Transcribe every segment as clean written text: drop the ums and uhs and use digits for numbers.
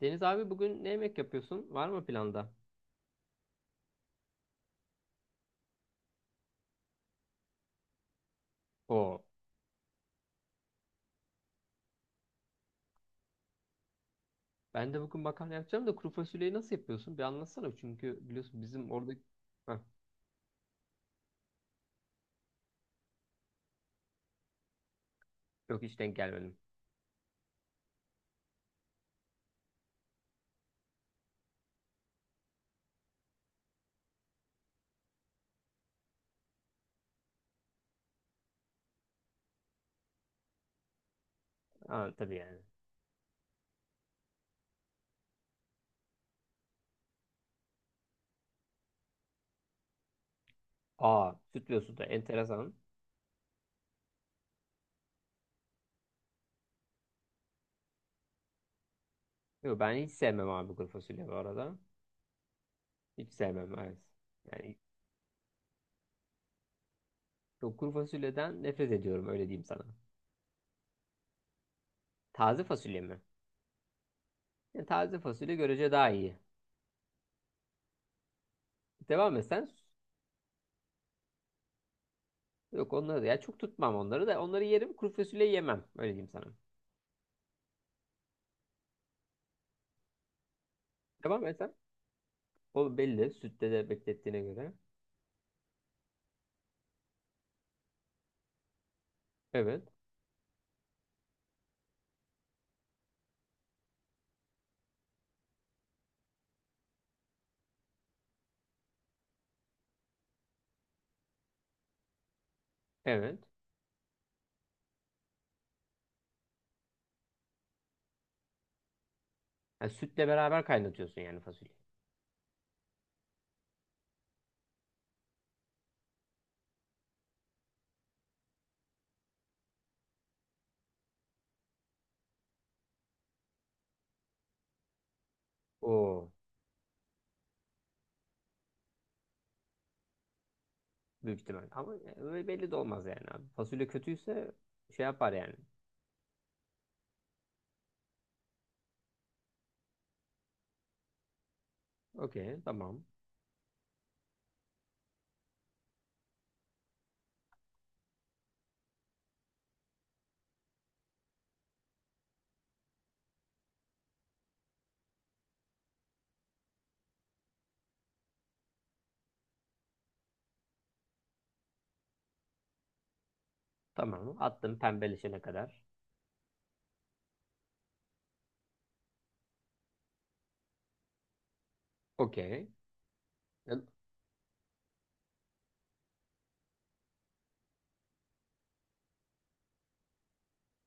Deniz abi bugün ne yemek yapıyorsun? Var mı planda? Oo. Ben de bugün makarna yapacağım da kuru fasulyeyi nasıl yapıyorsun? Bir anlatsana çünkü biliyorsun bizim orada... Heh, yok hiç denk gelmedim. Ha, tabii yani. Aa sütlü da enteresan. Yok ben hiç sevmem abi kuru fasulye bu arada. Hiç sevmem evet. Yani yok, kuru fasulyeden nefret ediyorum öyle diyeyim sana. Taze fasulye mi? Yani taze fasulye görece daha iyi. Devam et sen. Yok onları da ya çok tutmam onları da onları yerim kuru fasulye yemem öyle diyeyim sana. Devam et sen. O belli. Sütte de beklettiğine göre. Evet. Evet. Yani sütle beraber kaynatıyorsun yani fasulyeyi. Oo. Büyük ihtimal. Ama öyle belli de olmaz yani abi. Fasulye kötüyse şey yapar yani. Okey. Tamam. Tamam. Attım pembeleşene kadar. Okey.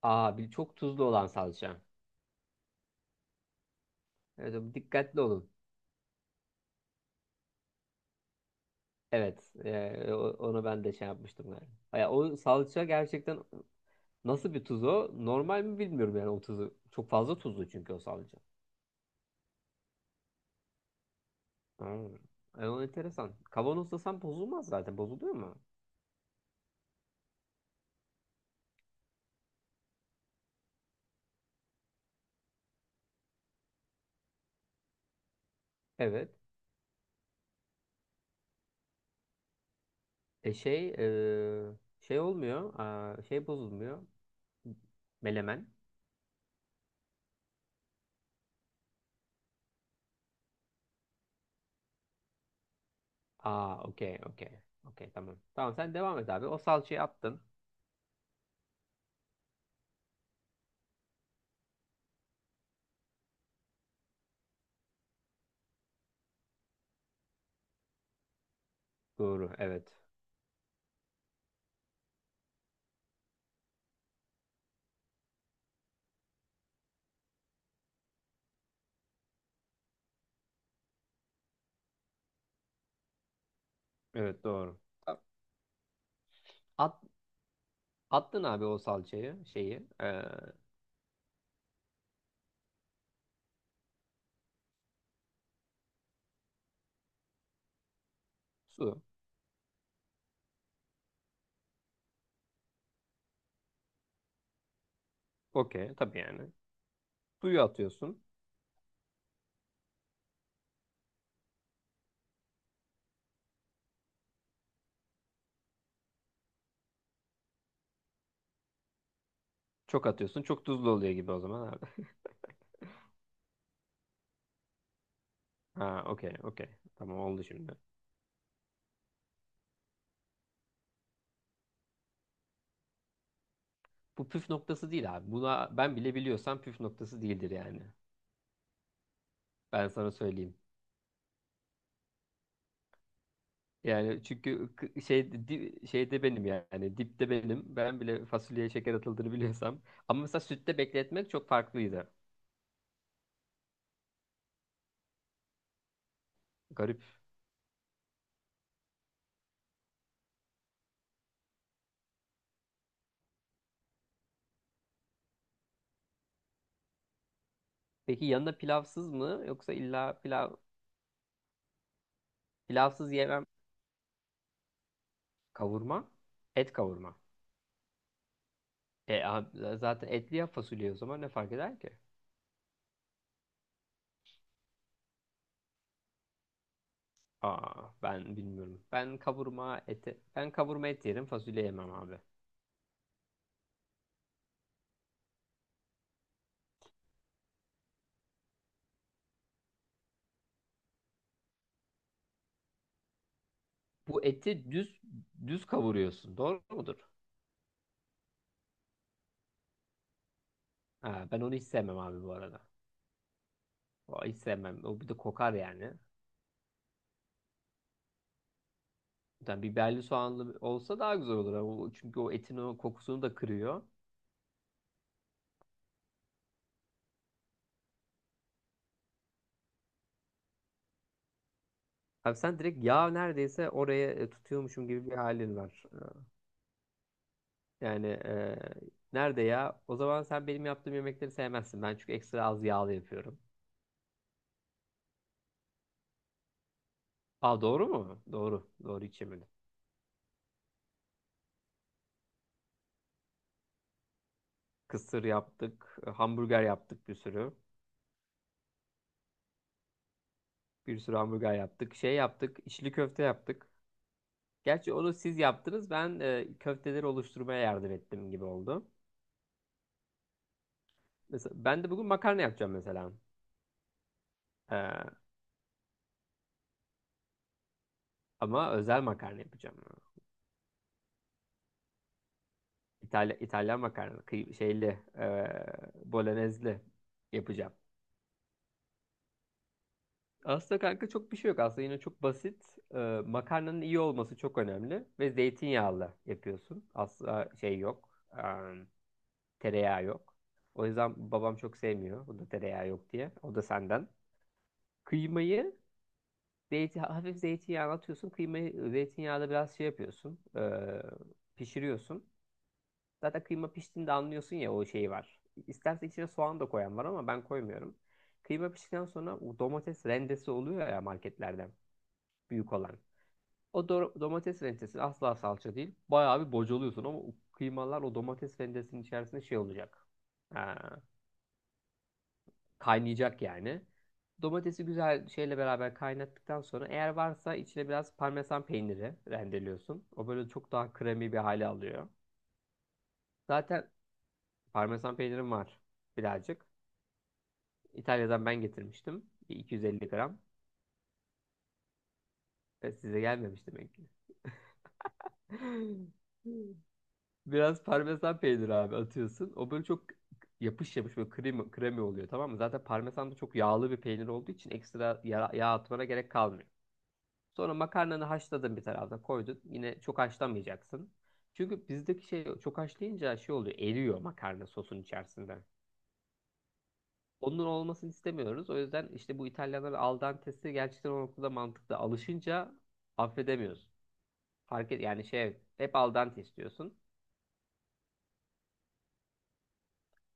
Aa bir çok tuzlu olan salça. Evet, dikkatli olun. Evet. Onu ben de şey yapmıştım yani. Ya, o salça gerçekten nasıl bir tuz o? Normal mi bilmiyorum yani o tuzu. Çok fazla tuzlu çünkü o salça. Aa, o enteresan. Kavanozlasan bozulmaz zaten. Bozuluyor mu? Evet. E şey e, Şey olmuyor. Aa, şey bozulmuyor. Melemen. Aa okey okey. Okey tamam. Tamam sen devam et abi. O salçayı attın. Doğru evet. Evet doğru. Tamam. At, Attın abi o salçayı şeyi. Su. Okey tabii yani. Suyu atıyorsun. Çok atıyorsun. Çok tuzlu oluyor gibi o zaman abi. Ha okey okey. Tamam oldu şimdi. Bu püf noktası değil abi. Buna ben bile biliyorsam püf noktası değildir yani. Ben sana söyleyeyim. Yani çünkü şeyde benim yani dipte benim. Ben bile fasulyeye şeker atıldığını biliyorsam. Ama mesela sütte bekletmek çok farklıydı. Garip. Peki yanında pilavsız mı yoksa illa pilav pilavsız yemem kavurma? Et kavurma. E, zaten etli ya fasulye o zaman ne fark eder ki? Aa ben bilmiyorum. Ben kavurma et yerim fasulye yemem abi. Bu eti düz düz kavuruyorsun. Doğru mudur? Ha, ben onu hiç sevmem abi bu arada. O, hiç sevmem. O bir de kokar yani. Yani biberli soğanlı olsa daha güzel olur. Ama çünkü o etin o kokusunu da kırıyor. Abi sen direkt yağ neredeyse oraya tutuyormuşum gibi bir halin var. Yani nerede ya? O zaman sen benim yaptığım yemekleri sevmezsin. Ben çünkü ekstra az yağlı yapıyorum. Aa doğru mu? Doğru. Doğru içemedim. Kısır yaptık. Hamburger yaptık bir sürü. Bir sürü hamburger yaptık. Şey yaptık. İçli köfte yaptık. Gerçi onu siz yaptınız. Ben köfteleri oluşturmaya yardım ettim gibi oldu. Mesela ben de bugün makarna yapacağım mesela. E, ama özel makarna yapacağım. İtalyan makarna. Şeyli. E, bolognezli yapacağım. Aslında kanka çok bir şey yok. Aslında yine çok basit. E, makarnanın iyi olması çok önemli. Ve zeytinyağlı yapıyorsun. Asla şey yok. Tereyağı yok. O yüzden babam çok sevmiyor. O da tereyağı yok diye. O da senden. Kıymayı hafif zeytinyağına atıyorsun. Kıymayı zeytinyağda biraz şey yapıyorsun. Pişiriyorsun. Zaten kıyma piştiğinde anlıyorsun ya o şeyi var. İstersen içine soğan da koyan var ama ben koymuyorum. Kıyma piştikten sonra o domates rendesi oluyor ya marketlerden. Büyük olan. O domates rendesi asla salça değil. Bayağı bir bocalıyorsun ama o kıymalar o domates rendesinin içerisinde şey olacak. Ha, kaynayacak yani. Domatesi güzel şeyle beraber kaynattıktan sonra eğer varsa içine biraz parmesan peyniri rendeliyorsun. O böyle çok daha kremi bir hale alıyor. Zaten parmesan peynirim var birazcık. İtalya'dan ben getirmiştim. Bir 250 gram. Ve size gelmemiş demek ki. Biraz parmesan peyniri abi atıyorsun. O böyle çok yapış yapış böyle kremi, kremi oluyor tamam mı? Zaten parmesan da çok yağlı bir peynir olduğu için ekstra yağ atmana gerek kalmıyor. Sonra makarnanı haşladın bir tarafta koydun. Yine çok haşlamayacaksın. Çünkü bizdeki şey çok haşlayınca şey oluyor. Eriyor makarna sosun içerisinde. Onun olmasını istemiyoruz. O yüzden işte bu İtalyanların al dente'si gerçekten o noktada mantıklı. Alışınca affedemiyoruz. Fark et, yani şey hep al dente istiyorsun.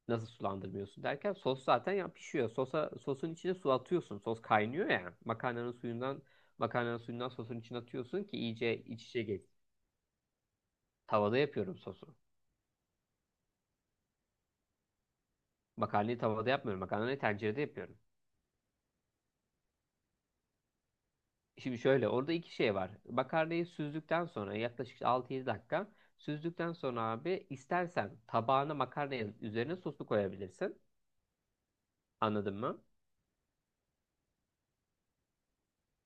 Nasıl sulandırmıyorsun derken sos zaten ya pişiyor. Sosun içine su atıyorsun. Sos kaynıyor ya. Makarnanın suyundan sosun içine atıyorsun ki iyice iç içe geçsin. Tavada yapıyorum sosu. Makarnayı tavada yapmıyorum. Makarnayı tencerede yapıyorum. Şimdi şöyle orada iki şey var. Makarnayı süzdükten sonra yaklaşık işte 6-7 dakika süzdükten sonra abi istersen tabağına makarnayı üzerine sosu koyabilirsin. Anladın mı?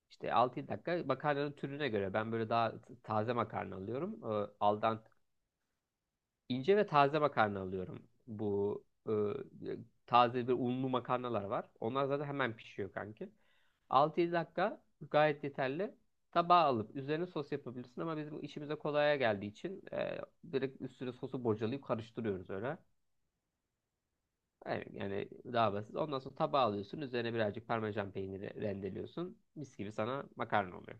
İşte 6-7 dakika makarnanın türüne göre ben böyle daha taze makarna alıyorum. Al dente İnce ve taze makarna alıyorum. Bu e, taze bir unlu makarnalar var. Onlar zaten hemen pişiyor kanki. 6-7 dakika gayet yeterli. Tabağa alıp üzerine sos yapabilirsin ama bizim işimize kolaya geldiği için direkt üstüne sosu bocalayıp karıştırıyoruz öyle. Yani, yani daha basit. Ondan sonra tabağa alıyorsun. Üzerine birazcık parmesan peyniri rendeliyorsun. Mis gibi sana makarna oluyor.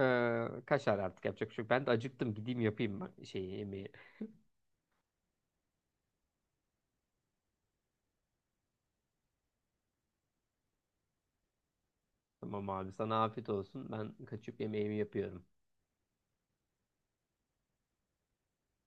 Kaşar artık yapacak bir şey yok. Ben de acıktım. Gideyim yapayım bak şeyi, yemeği. Tamam abi sana afiyet olsun. Ben kaçıp yemeğimi yapıyorum.